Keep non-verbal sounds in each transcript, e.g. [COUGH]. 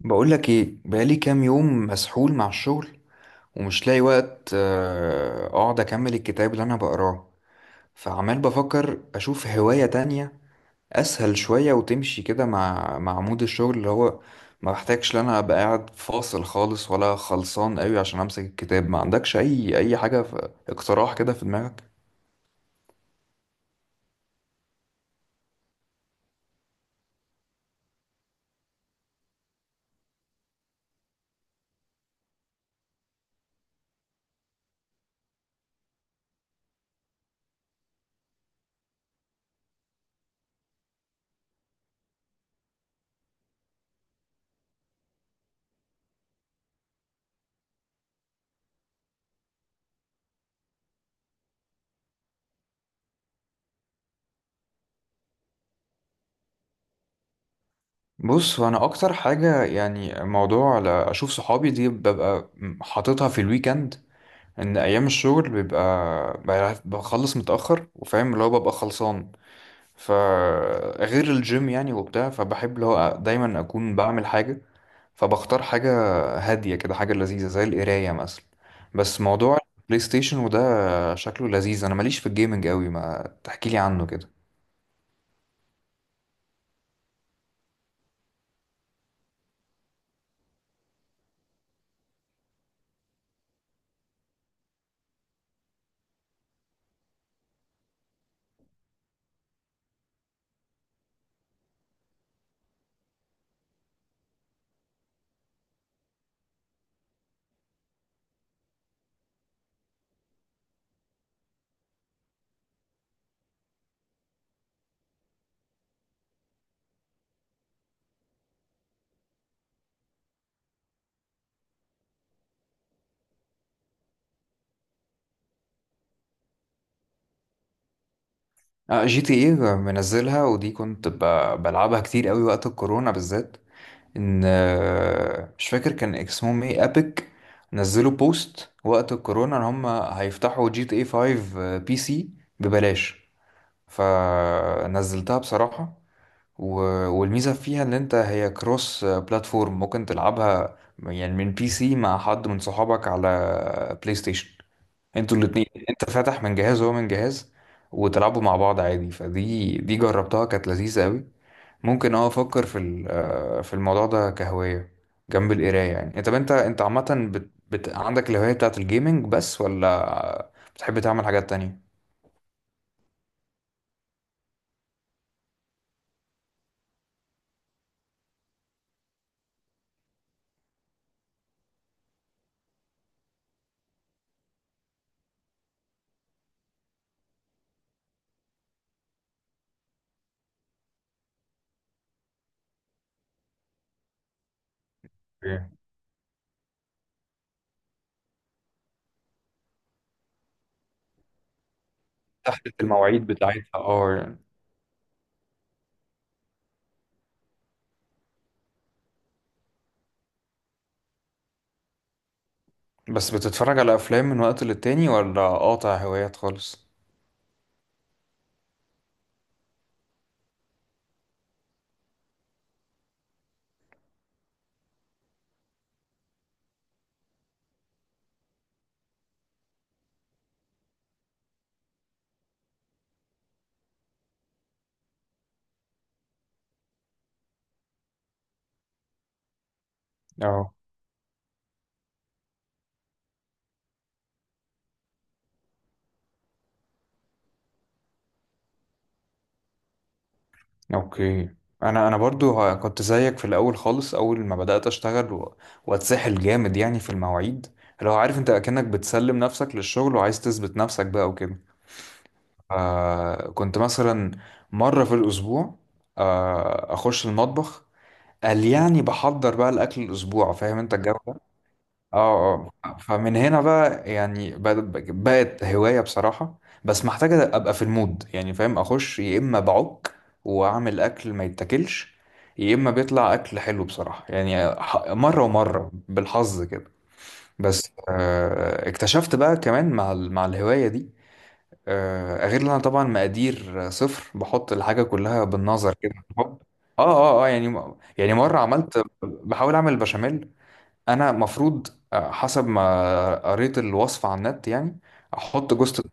بقولك ايه؟ بقالي كام يوم مسحول مع الشغل ومش لاقي وقت، اقعد اكمل الكتاب اللي انا بقراه. فعمال بفكر اشوف هواية تانية اسهل شوية، وتمشي كده مع مود الشغل، اللي هو ما بحتاجش ان انا ابقى قاعد فاصل خالص ولا خلصان قوي عشان امسك الكتاب. ما عندكش اي حاجة، في اقتراح كده في دماغك؟ بص، انا اكتر حاجة يعني موضوع اشوف صحابي، دي ببقى حاططها في الويكند. ان ايام الشغل بيبقى بخلص متاخر، وفاهم اللي هو ببقى خلصان. فغير الجيم يعني وبتاع، فبحب اللي هو دايما اكون بعمل حاجه، فبختار حاجه هاديه كده، حاجه لذيذه زي القرايه مثلا. بس موضوع البلاي ستيشن وده شكله لذيذ، انا ماليش في الجيمنج قوي. ما تحكي لي عنه كده. اه، جي تي ايه منزلها، ودي كنت بلعبها كتير قوي وقت الكورونا بالذات. ان مش فاكر كان اسمهم ايه، ابيك؟ نزلوا بوست وقت الكورونا ان هم هيفتحوا جي تي اي 5 بي سي ببلاش، فنزلتها بصراحة، و... والميزة فيها ان انت هي كروس بلاتفورم، ممكن تلعبها يعني من بي سي مع حد من صحابك على بلاي ستيشن. انتوا الاتنين، انت فاتح من جهاز وهو من جهاز، وتلعبوا مع بعض عادي. فدي جربتها، كانت لذيذة قوي. ممكن افكر في ال- آه، في الموضوع ده كهواية جنب القراية، يعني. إيه، طب انت عامة، عندك الهواية بتاعت الجيمنج بس، ولا بتحب تعمل حاجات تانية؟ إيه. تحت المواعيد بتاعتها اه يعني. بس بتتفرج على افلام من وقت للتاني، ولا قاطع هوايات خالص؟ اه. اوكي. انا برضو كنت زيك في الاول خالص، اول ما بدات اشتغل واتسحل جامد يعني في المواعيد. لو عارف، انت اكنك بتسلم نفسك للشغل وعايز تثبت نفسك بقى وكده. كنت مثلا مرة في الأسبوع أخش المطبخ، قال يعني بحضر بقى الأكل الأسبوع. فاهم أنت الجو ده؟ اه اه. فمن هنا بقى يعني بقت هواية بصراحة. بس محتاجة أبقى في المود، يعني فاهم، أخش يا إما بعك وأعمل أكل ما يتاكلش، يا إما بيطلع أكل حلو بصراحة. يعني مرة ومرة بالحظ كده. بس اكتشفت بقى كمان مع مع الهواية دي، غير ان انا طبعا مقادير صفر، بحط الحاجه كلها بالنظر كده، بالحب. اه اه اه. يعني يعني مره عملت، بحاول اعمل بشاميل. انا مفروض حسب ما قريت الوصفه على النت يعني احط جوزة.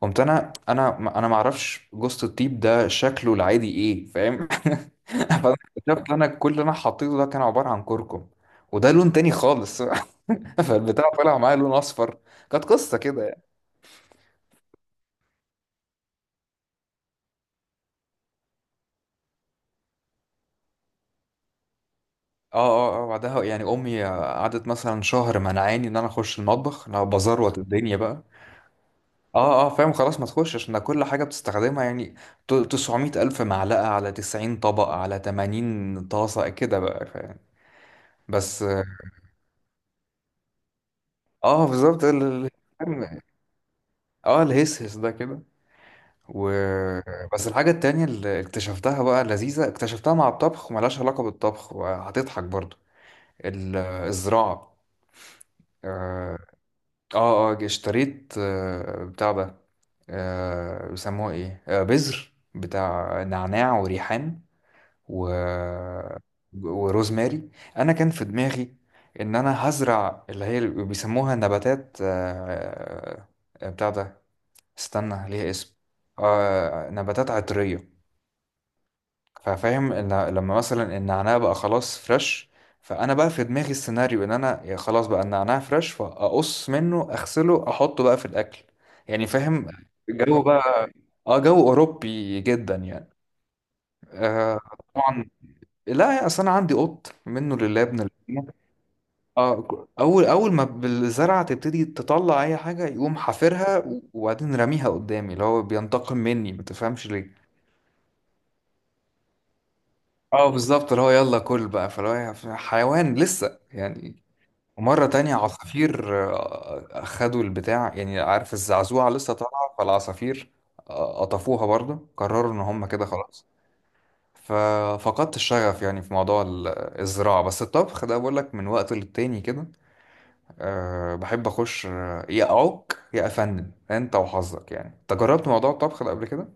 قمت انا ما اعرفش جوزة الطيب ده شكله العادي ايه، فاهم. [LAUGHS] فأنا اكتشفت إن انا كل اللي انا حطيته ده كان عباره عن كركم، وده لون تاني خالص. [LAUGHS] فالبتاع طلع معايا لون اصفر. كانت قصه كده يعني. اه اه اه. بعدها يعني امي قعدت مثلا شهر منعاني ان انا اخش المطبخ. انا بزروت الدنيا بقى. اه اه، فاهم؟ خلاص، ما تخش، عشان ده كل حاجه بتستخدمها يعني. 900 الف معلقه على 90 طبق على 80 طاسه كده بقى، فاهم؟ بس اه بالظبط. فاهم؟ اه، الهسهس ده كده. و بس الحاجه التانية اللي اكتشفتها بقى لذيذه، اكتشفتها مع الطبخ وملهاش علاقه بالطبخ، وهتضحك برضو. ال- الزراعه. اه اه. اشتريت، بتاع ده، بيسموها ايه، بذر بتاع نعناع وريحان و... وروزماري. انا كان في دماغي ان انا هزرع اللي هي اللي بيسموها نباتات، بتاع ده، استنى ليها اسم، نباتات عطرية. ففاهم، ان لما مثلا النعناع بقى خلاص فريش، فانا بقى في دماغي السيناريو ان انا، يا خلاص بقى النعناع فريش، فاقص منه اغسله احطه بقى في الاكل. يعني فاهم، جو بقى. اه، جو اوروبي جدا يعني. آه طبعا. لا، اصل انا عندي قط منه لله ابن الذين. اه، اول اول ما بالزرعه تبتدي تطلع اي حاجه يقوم حافرها، وبعدين راميها قدامي، اللي هو بينتقم مني ما تفهمش. اه بالظبط، اللي هو يلا كل بقى، فاللي هو يعني حيوان لسه يعني. ومرة تانية عصافير، أخدوا البتاع يعني. عارف الزعزوعة لسه طالعة، فالعصافير قطفوها برضه، قرروا إن هم كده خلاص. ففقدت الشغف يعني في موضوع الزراعة. بس الطبخ ده بقول لك من وقت للتاني كده، أه بحب أخش، يا أعك يا أفنن، أنت وحظك. يعني أنت جربت موضوع الطبخ ده قبل كده؟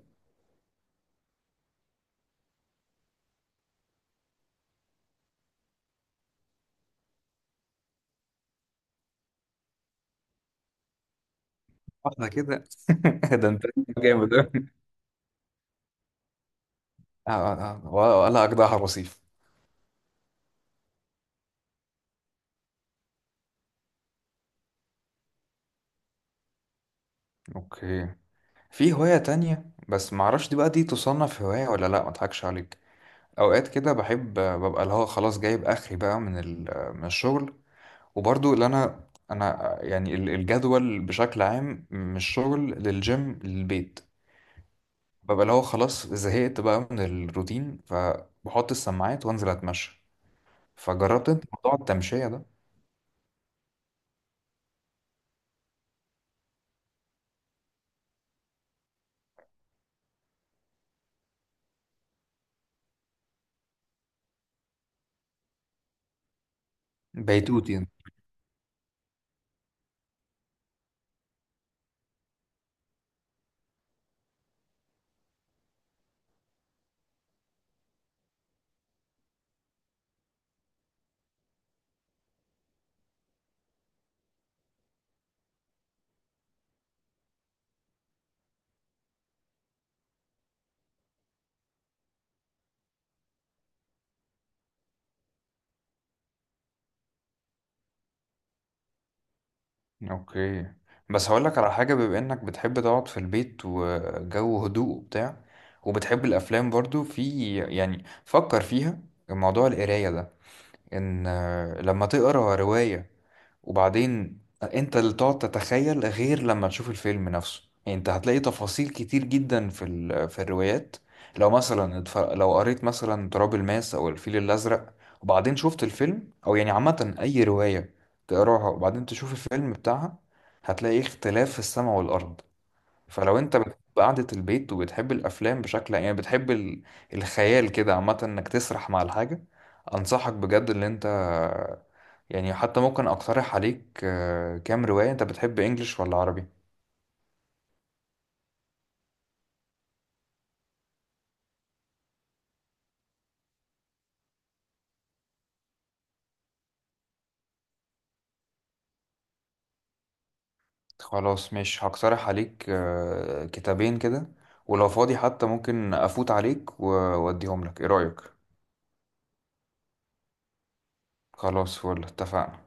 واحدة كده. [LAUGHS] ده أنت جامد أوي. [LAUGHS] آه، آه، آه، ولا أجدعها وصيف. اوكي. في هواية تانية، بس معرفش دي بقى دي تصنف هواية ولا لا، ما اضحكش عليك. اوقات كده بحب ببقى اللي هو خلاص جايب اخري بقى من من الشغل. وبرضو اللي انا يعني الجدول بشكل عام من الشغل للجيم للبيت، ببقى اللي هو خلاص زهقت بقى من الروتين، فبحط السماعات وانزل اتمشى. فجربت انت موضوع التمشية ده؟ بيتوتي. اوكي. بس هقولك على حاجة، بما انك بتحب تقعد في البيت وجو هدوء وبتاع، وبتحب الافلام برضو، في يعني فكر فيها موضوع القراية ده. ان لما تقرا رواية وبعدين انت اللي تقعد تتخيل، غير لما تشوف الفيلم نفسه يعني. انت هتلاقي تفاصيل كتير جدا في في الروايات. لو مثلا لو قريت مثلا تراب الماس او الفيل الازرق وبعدين شفت الفيلم، او يعني عامة اي رواية تقراها وبعدين تشوف الفيلم بتاعها، هتلاقي اختلاف في السماء والارض. فلو انت بتحب قعدة البيت وبتحب الافلام، بشكل يعني بتحب الخيال كده عامة، انك تسرح مع الحاجة، انصحك بجد ان انت، يعني حتى ممكن اقترح عليك كام رواية. انت بتحب انجليش ولا عربي؟ خلاص، مش هقترح عليك كتابين كده، ولو فاضي حتى ممكن افوت عليك واديهم لك. ايه رأيك؟ خلاص، فل، اتفقنا.